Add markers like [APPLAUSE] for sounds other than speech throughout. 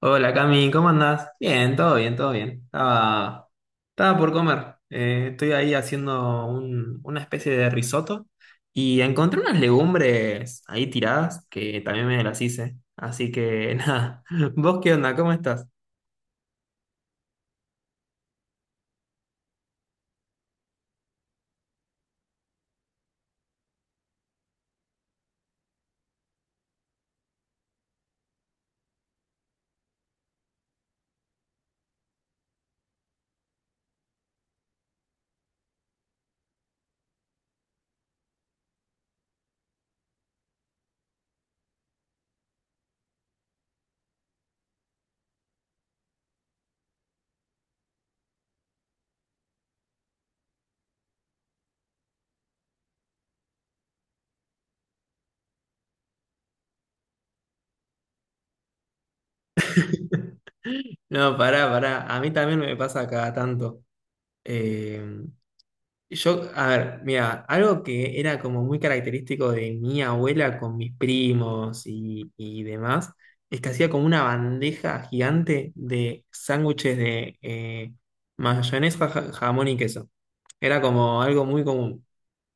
Hola Cami, ¿cómo andás? Bien, todo bien, todo bien. Estaba por comer. Estoy ahí haciendo una especie de risotto y encontré unas legumbres ahí tiradas que también me las hice. Así que [LAUGHS] nada, ¿vos qué onda? ¿Cómo estás? No, pará. A mí también me pasa cada tanto. Eh, Yo, a ver, mira, algo que era como muy característico de mi abuela con mis primos y demás, es que hacía como una bandeja gigante de sándwiches de mayonesa, jamón y queso. Era como algo muy común.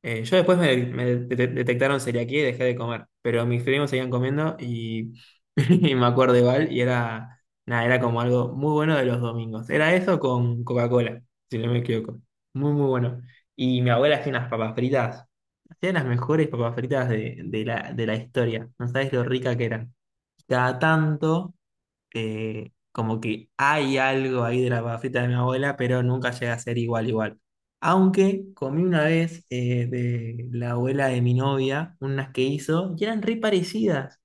Yo después me detectaron celiaquía y dejé de comer, pero mis primos seguían comiendo [LAUGHS] y me acuerdo igual y era, nada, era como algo muy bueno de los domingos. Era eso con Coca-Cola, si no me equivoco. Muy, muy bueno. Y mi abuela hacía unas papas fritas. Hacía las mejores papas fritas de la historia. No sabes lo rica que eran. Cada tanto, como que hay algo ahí de la papa frita de mi abuela, pero nunca llega a ser igual, igual. Aunque comí una vez de la abuela de mi novia, unas que hizo, y eran re parecidas.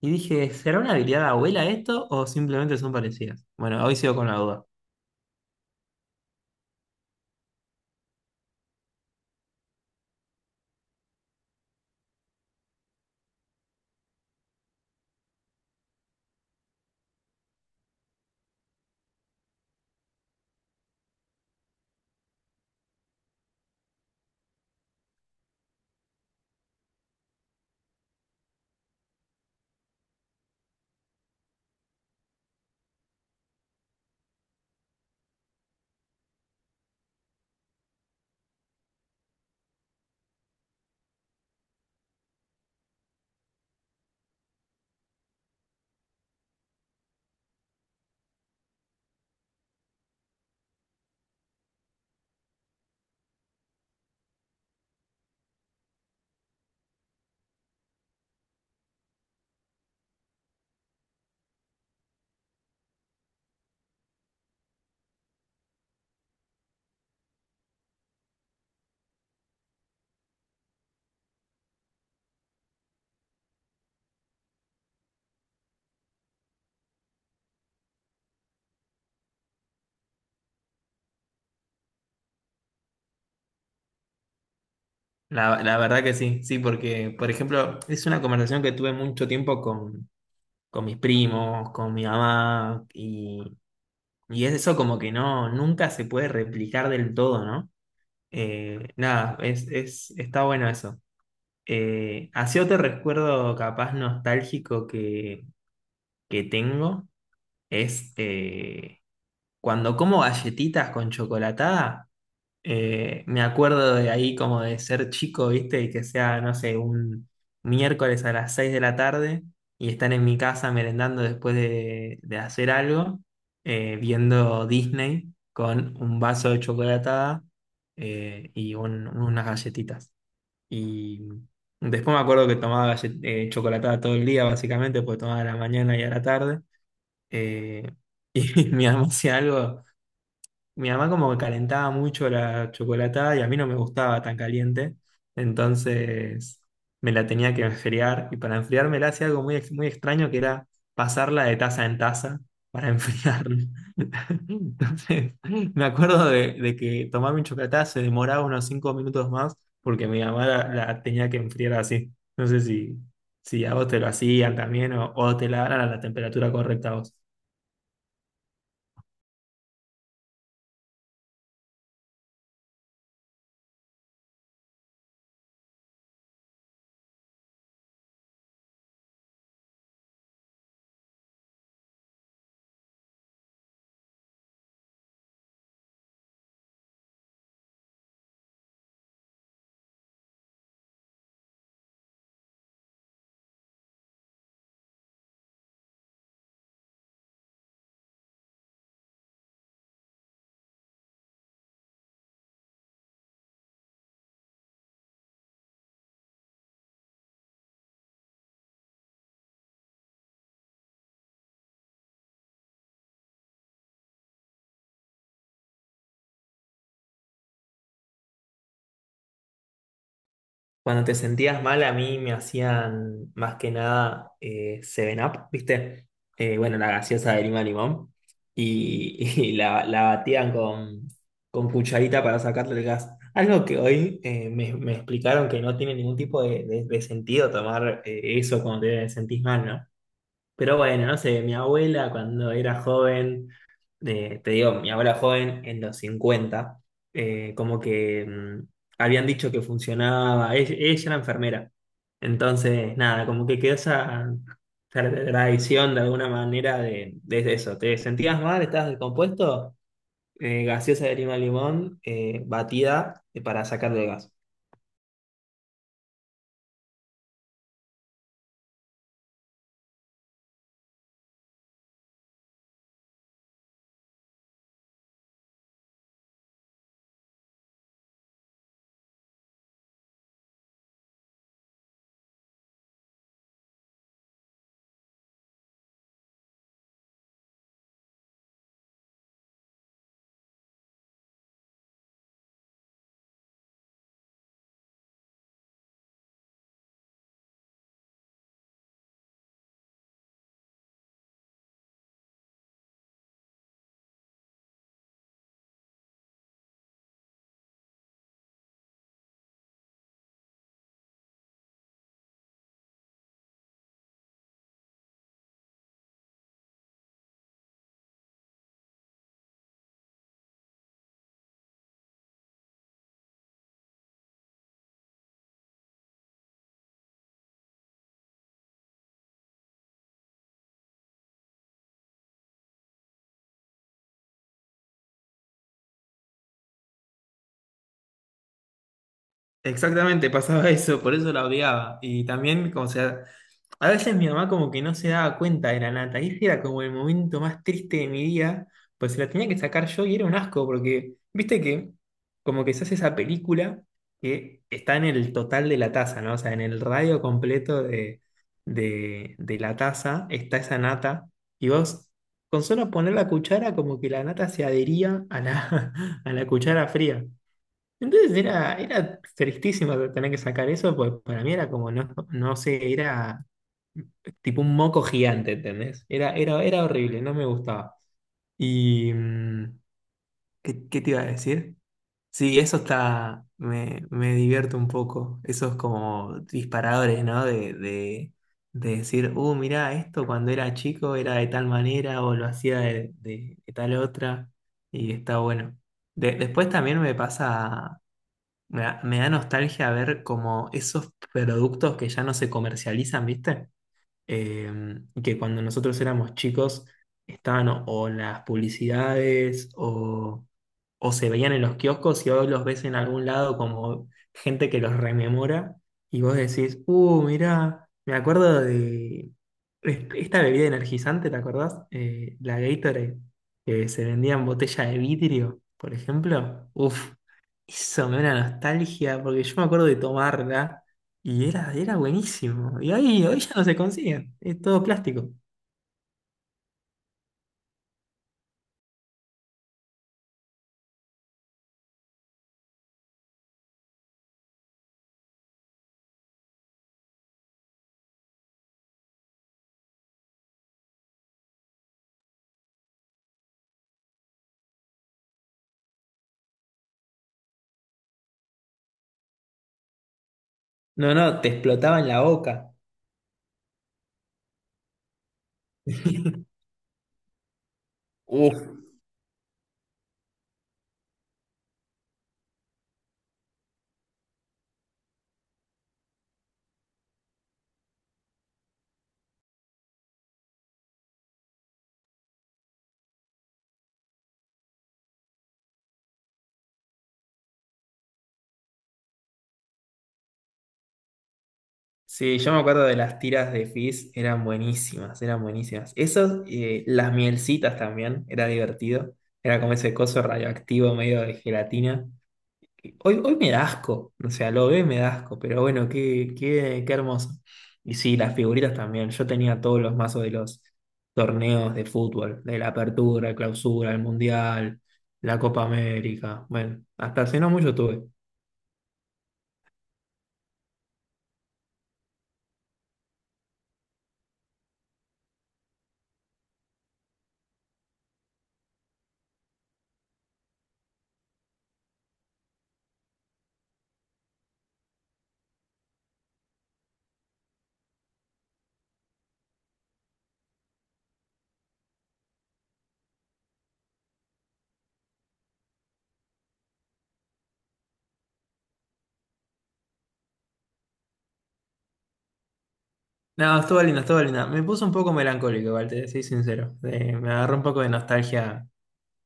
Y dije, ¿será una habilidad de abuela esto o simplemente son parecidas? Bueno, hoy sigo con la duda. La verdad que sí, sí, porque, por ejemplo, es una conversación que tuve mucho tiempo con mis primos, con mi mamá, y es eso como que no, nunca se puede replicar del todo, ¿no? Nada, está bueno eso. Así otro recuerdo capaz nostálgico que tengo es cuando como galletitas con chocolatada. Me acuerdo de ahí como de ser chico, ¿viste? Y que sea, no sé, un miércoles a las 6 de la tarde y estar en mi casa merendando después de hacer algo, viendo Disney con un vaso de chocolatada y unas galletitas. Y después me acuerdo que tomaba chocolatada todo el día, básicamente, porque tomaba a la mañana y a la tarde. Eh, [LAUGHS] y mi mamá hacía algo. Mi mamá como que calentaba mucho la chocolatada y a mí no me gustaba tan caliente, entonces me la tenía que enfriar y para enfriármela hacía algo muy extraño que era pasarla de taza en taza para enfriarla. [LAUGHS] Entonces me acuerdo de que tomar mi chocolatada se demoraba unos 5 minutos más porque mi mamá la tenía que enfriar así. No sé si, si a vos te lo hacían también o te la daban a la temperatura correcta a vos. Cuando te sentías mal, a mí me hacían más que nada Seven Up, ¿viste? Bueno, la gaseosa de lima limón. Y, [LAUGHS] y la batían con cucharita para sacarle el gas. Algo que hoy me explicaron que no tiene ningún tipo de sentido tomar eso cuando te sentís mal, ¿no? Pero bueno, no sé, mi abuela cuando era joven, te digo, mi abuela joven en los 50 eh, como que mm, habían dicho que funcionaba, ella era enfermera. Entonces, nada, como que quedó esa tradición de alguna manera de eso. ¿Te sentías mal? ¿Estabas descompuesto? Gaseosa de lima limón, batida para sacarle el gas. Exactamente, pasaba eso, por eso la odiaba. Y también, como sea, a veces mi mamá como que no se daba cuenta de la nata, y ese era como el momento más triste de mi día, pues se la tenía que sacar yo y era un asco, porque viste que como que se hace esa película que está en el total de la taza, ¿no? O sea, en el radio completo de la taza está esa nata, y vos con solo poner la cuchara como que la nata se adhería a [LAUGHS] a la cuchara fría. Entonces era tristísimo tener que sacar eso, pues para mí era como, no, no sé, era tipo un moco gigante, ¿entendés? Era horrible, no me gustaba. Y, mm, ¿qué, qué te iba a decir? Sí, eso está, me divierto un poco, esos como disparadores, ¿no? De decir, mirá, esto cuando era chico era de tal manera o lo hacía de, de tal otra, y está bueno. Después también me pasa, me da nostalgia ver como esos productos que ya no se comercializan, ¿viste? Eh, que cuando nosotros éramos chicos estaban o en las publicidades o se veían en los kioscos y hoy los ves en algún lado como gente que los rememora y vos decís, mirá, me acuerdo de esta bebida energizante, ¿te acordás? La Gatorade, que se vendía en botella de vidrio, por ejemplo. Uf, eso me da una nostalgia porque yo me acuerdo de tomarla y era, era buenísimo. Y hoy, hoy ya no se consiguen, es todo plástico. No, no, te explotaba en la boca. [LAUGHS] Uf. Sí, yo me acuerdo de las tiras de Fizz, eran buenísimas, eran buenísimas. Esas, las mielcitas también, era divertido. Era como ese coso radioactivo medio de gelatina, que hoy, hoy me da asco, o sea, lo veo y me da asco, pero bueno, qué, qué, qué hermoso. Y sí, las figuritas también. Yo tenía todos los mazos de los torneos de fútbol, de la apertura, clausura, el mundial, la Copa América. Bueno, hasta hace no mucho tuve. No, estuvo linda, estuvo linda. Me puso un poco melancólico, igual, te soy sincero. Me agarró un poco de nostalgia,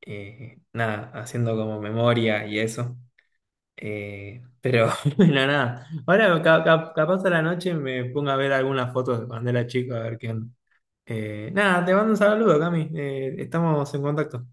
nada, haciendo como memoria y eso. Pero, [LAUGHS] bueno, nada. Ahora, capaz a la noche me pongo a ver algunas fotos de cuando era chico, a ver qué onda. Nada, te mando un saludo, Cami. Estamos en contacto.